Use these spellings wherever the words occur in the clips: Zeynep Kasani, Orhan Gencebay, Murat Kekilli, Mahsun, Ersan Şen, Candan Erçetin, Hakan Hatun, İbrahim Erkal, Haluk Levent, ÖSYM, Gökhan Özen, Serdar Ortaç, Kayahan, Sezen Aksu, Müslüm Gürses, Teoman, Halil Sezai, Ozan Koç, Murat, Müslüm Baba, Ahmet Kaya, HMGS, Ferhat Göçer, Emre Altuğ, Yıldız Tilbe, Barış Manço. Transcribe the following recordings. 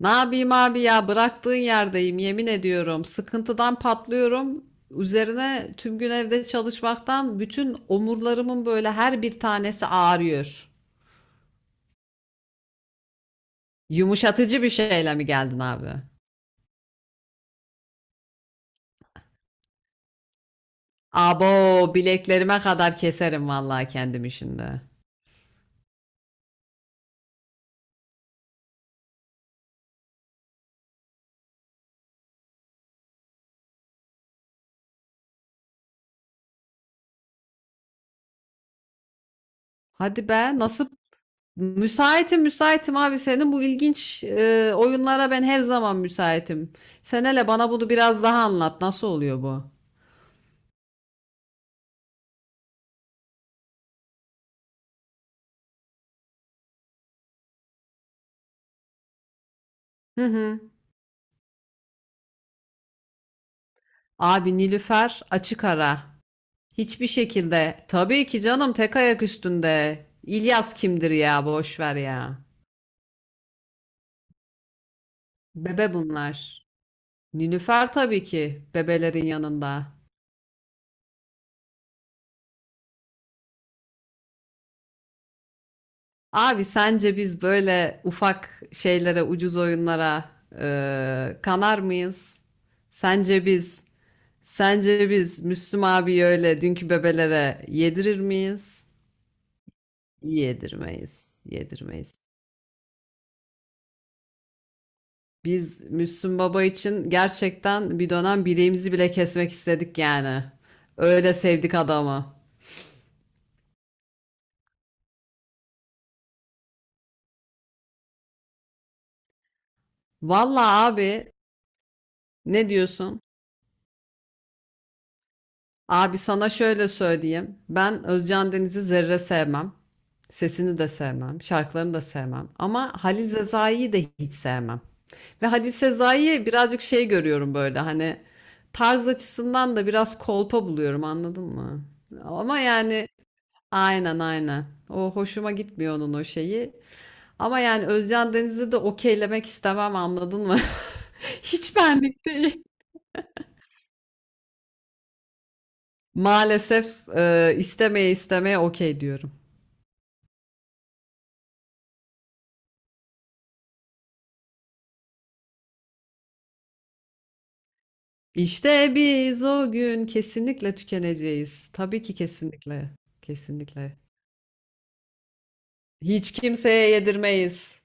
Ne yapayım abi ya bıraktığın yerdeyim yemin ediyorum. Sıkıntıdan patlıyorum. Üzerine tüm gün evde çalışmaktan bütün omurlarımın böyle her bir tanesi ağrıyor. Yumuşatıcı bir şeyle mi geldin abi? Abo, bileklerime kadar keserim vallahi kendimi şimdi. Hadi be, nasıl müsaitim abi, senin bu ilginç oyunlara ben her zaman müsaitim. Sen hele bana bunu biraz daha anlat, nasıl oluyor bu? Hı hı. Abi, Nilüfer açık ara. Hiçbir şekilde. Tabii ki canım, tek ayak üstünde. İlyas kimdir ya, boş ver ya. Bebe bunlar. Nilüfer tabii ki bebelerin yanında. Abi, sence biz böyle ufak şeylere, ucuz oyunlara kanar mıyız? Sence biz, sence biz Müslüm abi öyle dünkü bebelere yedirir miyiz? Yedirmeyiz, yedirmeyiz. Biz Müslüm Baba için gerçekten bir dönem bileğimizi bile kesmek istedik yani. Öyle sevdik adamı. Valla abi, ne diyorsun? Abi sana şöyle söyleyeyim. Ben Özcan Deniz'i zerre sevmem. Sesini de sevmem. Şarkılarını da sevmem. Ama Halil Sezai'yi de hiç sevmem. Ve Halil Sezai'yi birazcık şey görüyorum böyle, hani tarz açısından da biraz kolpa buluyorum, anladın mı? Ama yani. Aynen, aynen. O hoşuma gitmiyor, onun o şeyi. Ama yani Özcan Deniz'i de okeylemek istemem, anladın mı? Hiç benlik değil. Maalesef istemeye istemeye okey diyorum. İşte biz o gün kesinlikle tükeneceğiz. Tabii ki, kesinlikle. Kesinlikle. Hiç kimseye yedirmeyiz.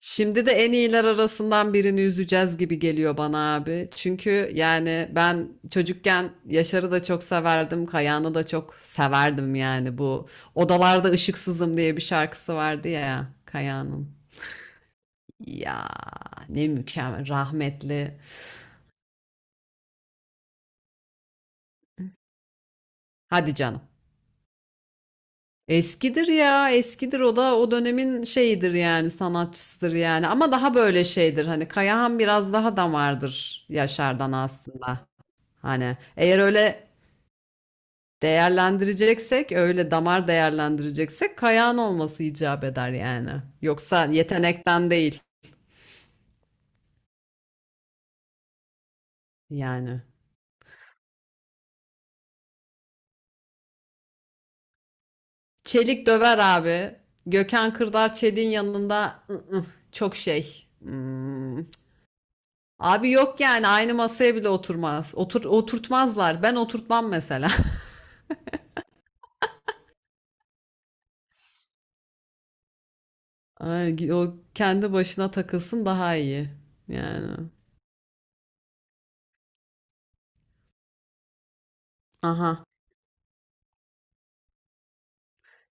Şimdi de en iyiler arasından birini üzeceğiz gibi geliyor bana abi. Çünkü yani ben çocukken Yaşar'ı da çok severdim, Kayahan'ı da çok severdim yani. Bu Odalarda Işıksızım diye bir şarkısı vardı ya Kayahan'ın. Ya, ne mükemmel rahmetli. Hadi canım. Eskidir ya, eskidir, o da o dönemin şeyidir yani, sanatçısıdır yani, ama daha böyle şeydir, hani Kayahan biraz daha damardır Yaşar'dan aslında. Hani eğer öyle değerlendireceksek, öyle damar değerlendireceksek kayağın olması icap eder yani. Yoksa yetenekten değil yani. Çelik döver abi. Gökhan Kırdar Çelik'in yanında çok şey. Hmm. Abi yok yani, aynı masaya bile oturmaz. Oturtmazlar. Ben oturtmam mesela. Ay, o kendi başına takılsın daha iyi. Yani. Aha.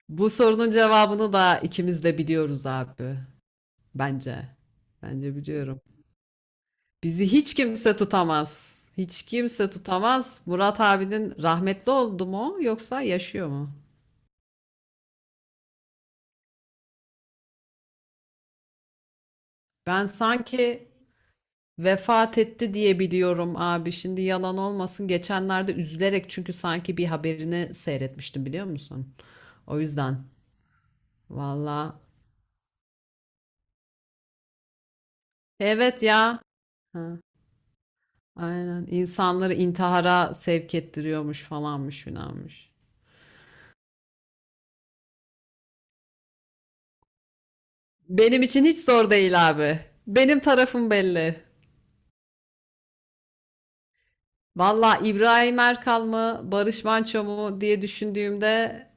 Bu sorunun cevabını da ikimiz de biliyoruz abi. Bence. Bence biliyorum. Bizi hiç kimse tutamaz. Hiç kimse tutamaz. Murat abinin, rahmetli oldu mu yoksa yaşıyor mu? Ben sanki vefat etti diye biliyorum abi. Şimdi yalan olmasın, geçenlerde üzülerek, çünkü sanki bir haberini seyretmiştim, biliyor musun? O yüzden. Vallahi. Evet ya. Ha, aynen. İnsanları intihara sevk ettiriyormuş, falanmış filanmış. Benim için hiç zor değil abi. Benim tarafım belli. Valla, İbrahim Erkal mı, Barış Manço mu diye düşündüğümde,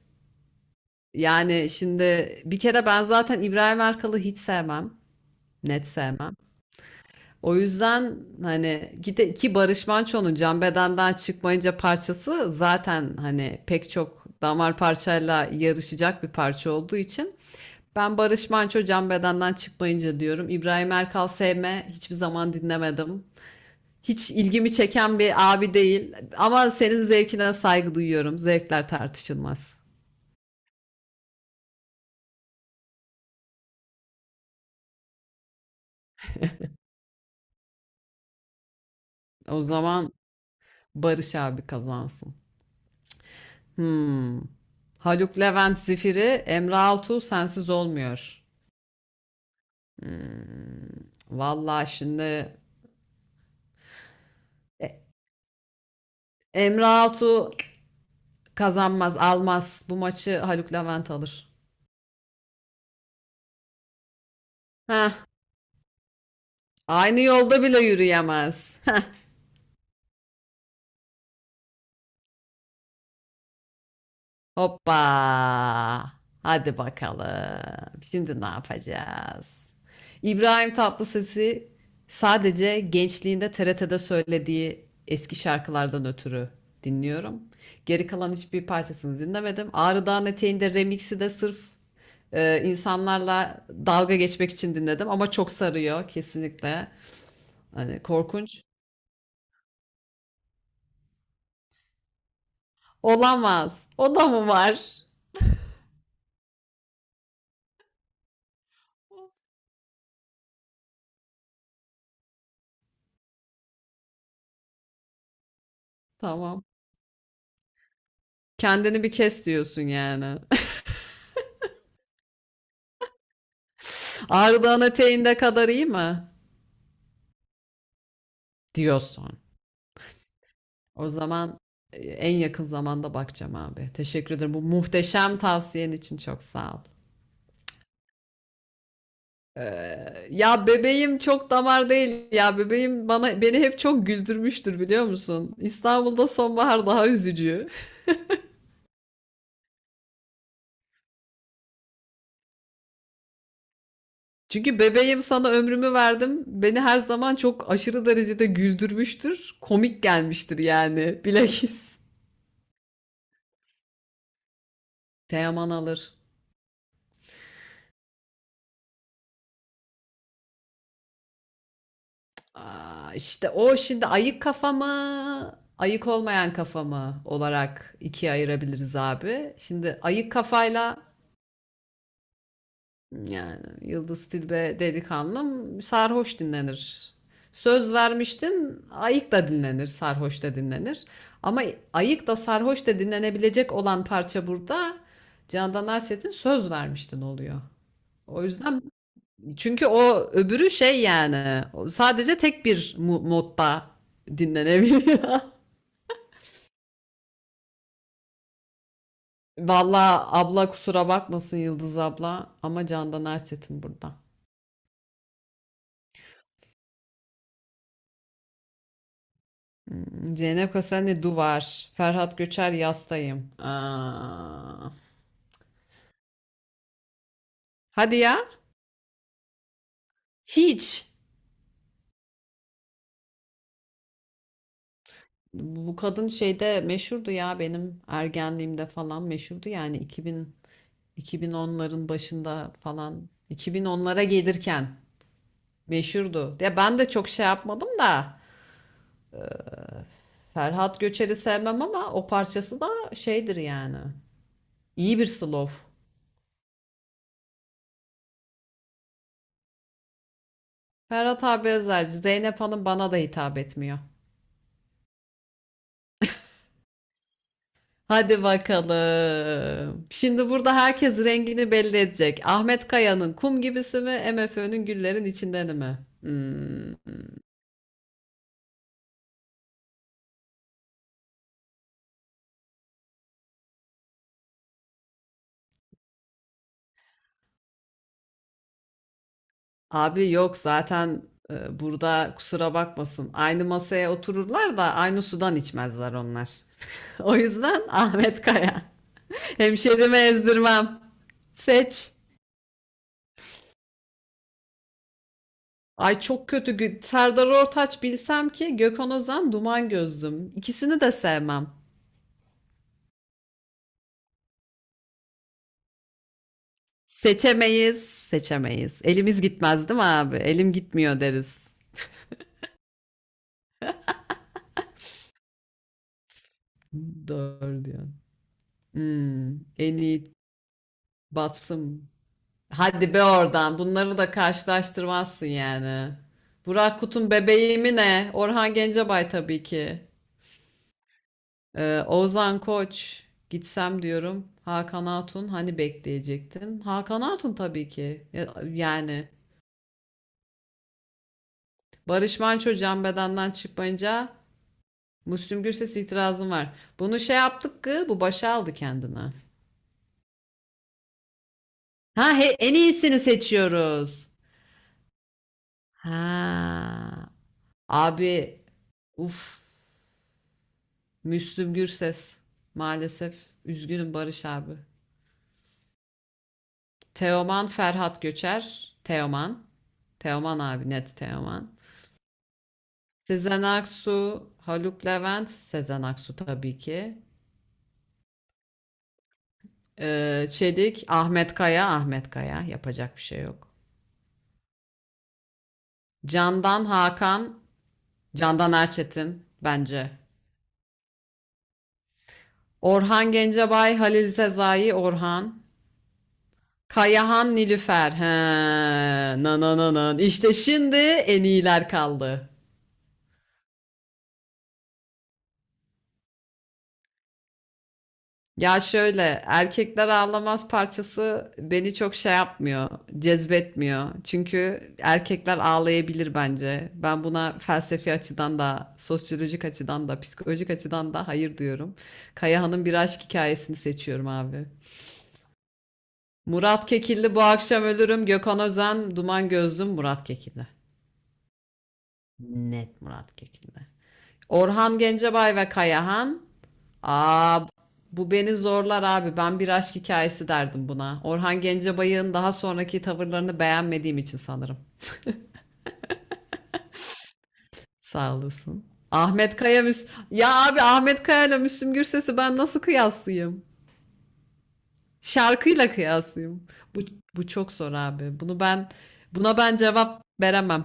yani şimdi bir kere ben zaten İbrahim Erkal'ı hiç sevmem. Net sevmem. O yüzden hani gide ki Barış Manço'nun Can Beden'den Çıkmayınca parçası zaten hani pek çok damar parçayla yarışacak bir parça olduğu için ben Barış Manço Can Beden'den Çıkmayınca diyorum. İbrahim Erkal sevme, hiçbir zaman dinlemedim. Hiç ilgimi çeken bir abi değil. Ama senin zevkine saygı duyuyorum. Zevkler tartışılmaz. O zaman Barış abi kazansın. Hmm. Haluk Levent Zifiri, Emre Altuğ Sensiz Olmuyor. Hmm. Vallahi şimdi E- Emre Altuğ kazanmaz, almaz. Bu maçı Haluk Levent alır. Heh, aynı yolda bile yürüyemez. Hoppa. Hadi bakalım, şimdi ne yapacağız? İbrahim Tatlıses'i sadece gençliğinde TRT'de söylediği eski şarkılardan ötürü dinliyorum. Geri kalan hiçbir parçasını dinlemedim. Ağrı Dağın Eteği'nde remix'i de sırf insanlarla dalga geçmek için dinledim, ama çok sarıyor kesinlikle. Hani korkunç. Olamaz. O da mı var? Tamam. Kendini bir kes diyorsun yani. Ardahan eteğinde kadar iyi mi? Diyorsun. O zaman en yakın zamanda bakacağım abi. Teşekkür ederim. Bu muhteşem tavsiyen için çok sağ ol. Ya bebeğim çok damar değil. Ya bebeğim bana, beni hep çok güldürmüştür, biliyor musun? İstanbul'da Sonbahar daha üzücü. Çünkü bebeğim sana ömrümü verdim, beni her zaman çok aşırı derecede güldürmüştür. Komik gelmiştir yani. Bilakis. Teoman alır. Aa, işte o şimdi ayık kafa mı, ayık olmayan kafa mı olarak ikiye ayırabiliriz abi. Şimdi ayık kafayla yani Yıldız Tilbe Delikanlım sarhoş dinlenir. Söz Vermiştin ayık da dinlenir, sarhoş da dinlenir. Ama ayık da sarhoş da dinlenebilecek olan parça burada Candan Erset'in Söz Vermiştin oluyor. O yüzden, çünkü o öbürü şey yani, sadece tek bir modda dinlenebiliyor. Vallahi abla kusura bakmasın Yıldız abla, ama Candan Erçetin burada. Hmm, Zeynep Kasani Duvar, Ferhat Göçer Yastayım. Aa. Hadi ya. Hiç. Bu kadın şeyde meşhurdu ya, benim ergenliğimde falan meşhurdu, yani 2000, 2010'ların başında falan, 2010'lara gelirken meşhurdu. Ya ben de çok şey yapmadım da, Ferhat Göçer'i sevmem ama o parçası da şeydir yani. İyi bir slow. Ferhat abi özerci. Zeynep Hanım bana da hitap etmiyor. Hadi bakalım, şimdi burada herkes rengini belli edecek. Ahmet Kaya'nın Kum Gibisi mi, MFÖ'nün Güllerin içinden mi? Hmm. Abi yok zaten, burada kusura bakmasın. Aynı masaya otururlar da aynı sudan içmezler onlar. O yüzden Ahmet Kaya. Hemşerime ezdirmem. Seç. Ay çok kötü. Serdar Ortaç bilsem ki Gökhan Özen Duman Gözlüm. İkisini de sevmem. Seçemeyiz. Seçemeyiz. Elimiz gitmez değil mi abi? Elim gitmiyor deriz. Doğru diyor. Hmm, en iyi batsın. Hadi be oradan. Bunları da karşılaştırmazsın yani. Burak Kut'un bebeği mi ne? Orhan Gencebay tabii ki. Ozan Koç gitsem diyorum. Hakan Hatun hani, bekleyecektin? Hakan Hatun tabii ki. Yani Barış Manço Can Bedenden Çıkmayınca, Müslüm Gürses itirazım var. Bunu şey yaptık ki bu başa aldı kendine. Ha en iyisini seçiyoruz. Ha, abi, uf, Müslüm Gürses maalesef. Üzgünüm Barış abi. Teoman Ferhat Göçer. Teoman. Teoman abi, net Teoman. Sezen Aksu, Haluk Levent. Sezen Aksu tabii ki. Çedik, Ahmet Kaya, Ahmet Kaya. Yapacak bir şey yok. Candan Hakan, Candan Erçetin bence. Orhan Gencebay, Halil Sezai, Orhan. Kayahan, Nilüfer. He, na na na na. İşte şimdi en iyiler kaldı. Ya şöyle, Erkekler Ağlamaz parçası beni çok şey yapmıyor, cezbetmiyor. Çünkü erkekler ağlayabilir bence. Ben buna felsefi açıdan da, sosyolojik açıdan da, psikolojik açıdan da hayır diyorum. Kayahan'ın Bir Aşk Hikayesini seçiyorum abi. Murat Kekilli Bu Akşam Ölürüm, Gökhan Özen Duman Gözlüm. Murat Kekilli. Net Murat Kekilli. Orhan Gencebay ve Kayahan. Aa, bu beni zorlar abi. Ben Bir Aşk Hikayesi derdim buna. Orhan Gencebay'ın daha sonraki tavırlarını beğenmediğim için sanırım. Sağ olasın. Ahmet Kaya Müs Ya abi, Ahmet Kaya ile Müslüm Gürses'i ben nasıl kıyaslayayım? Şarkıyla kıyaslayayım. Bu, bu çok zor abi. Bunu ben buna ben cevap veremem.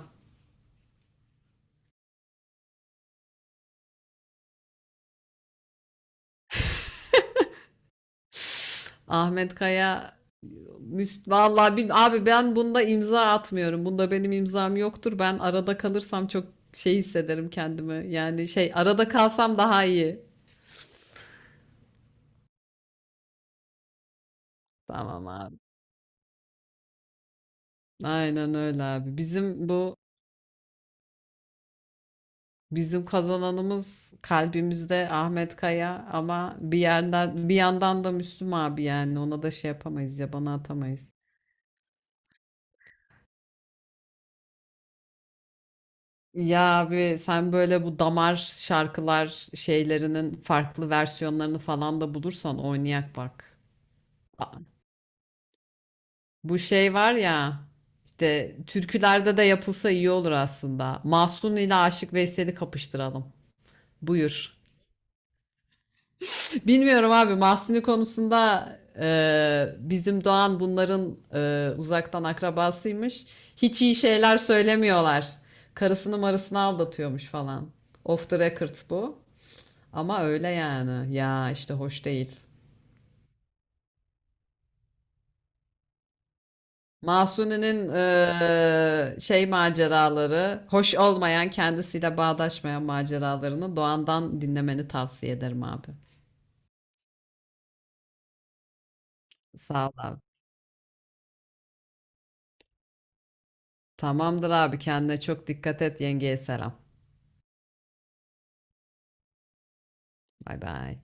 Ahmet Kaya vallahi, abi ben bunda imza atmıyorum. Bunda benim imzam yoktur. Ben arada kalırsam çok şey hissederim kendimi. Yani şey, arada kalsam daha iyi. Tamam abi. Aynen öyle abi. Bizim kazananımız kalbimizde Ahmet Kaya, ama bir yerden bir yandan da Müslüm abi yani, ona da şey yapamayız, ya bana atamayız. Ya abi, sen böyle bu damar şarkılar şeylerinin farklı versiyonlarını falan da bulursan oynayak bak. Aa, bu şey var ya işte, türkülerde de yapılsa iyi olur aslında. Mahsun ile Aşık Veysel'i kapıştıralım. Buyur. Bilmiyorum abi, Mahsuni konusunda bizim Doğan bunların uzaktan akrabasıymış. Hiç iyi şeyler söylemiyorlar. Karısını marısını aldatıyormuş falan. Off the record bu. Ama öyle yani. Ya işte, hoş değil. Mahsuni'nin şey maceraları, hoş olmayan, kendisiyle bağdaşmayan maceralarını Doğan'dan dinlemeni tavsiye ederim abi. Sağ ol abi. Tamamdır abi, kendine çok dikkat et, yengeye selam. Bay bay.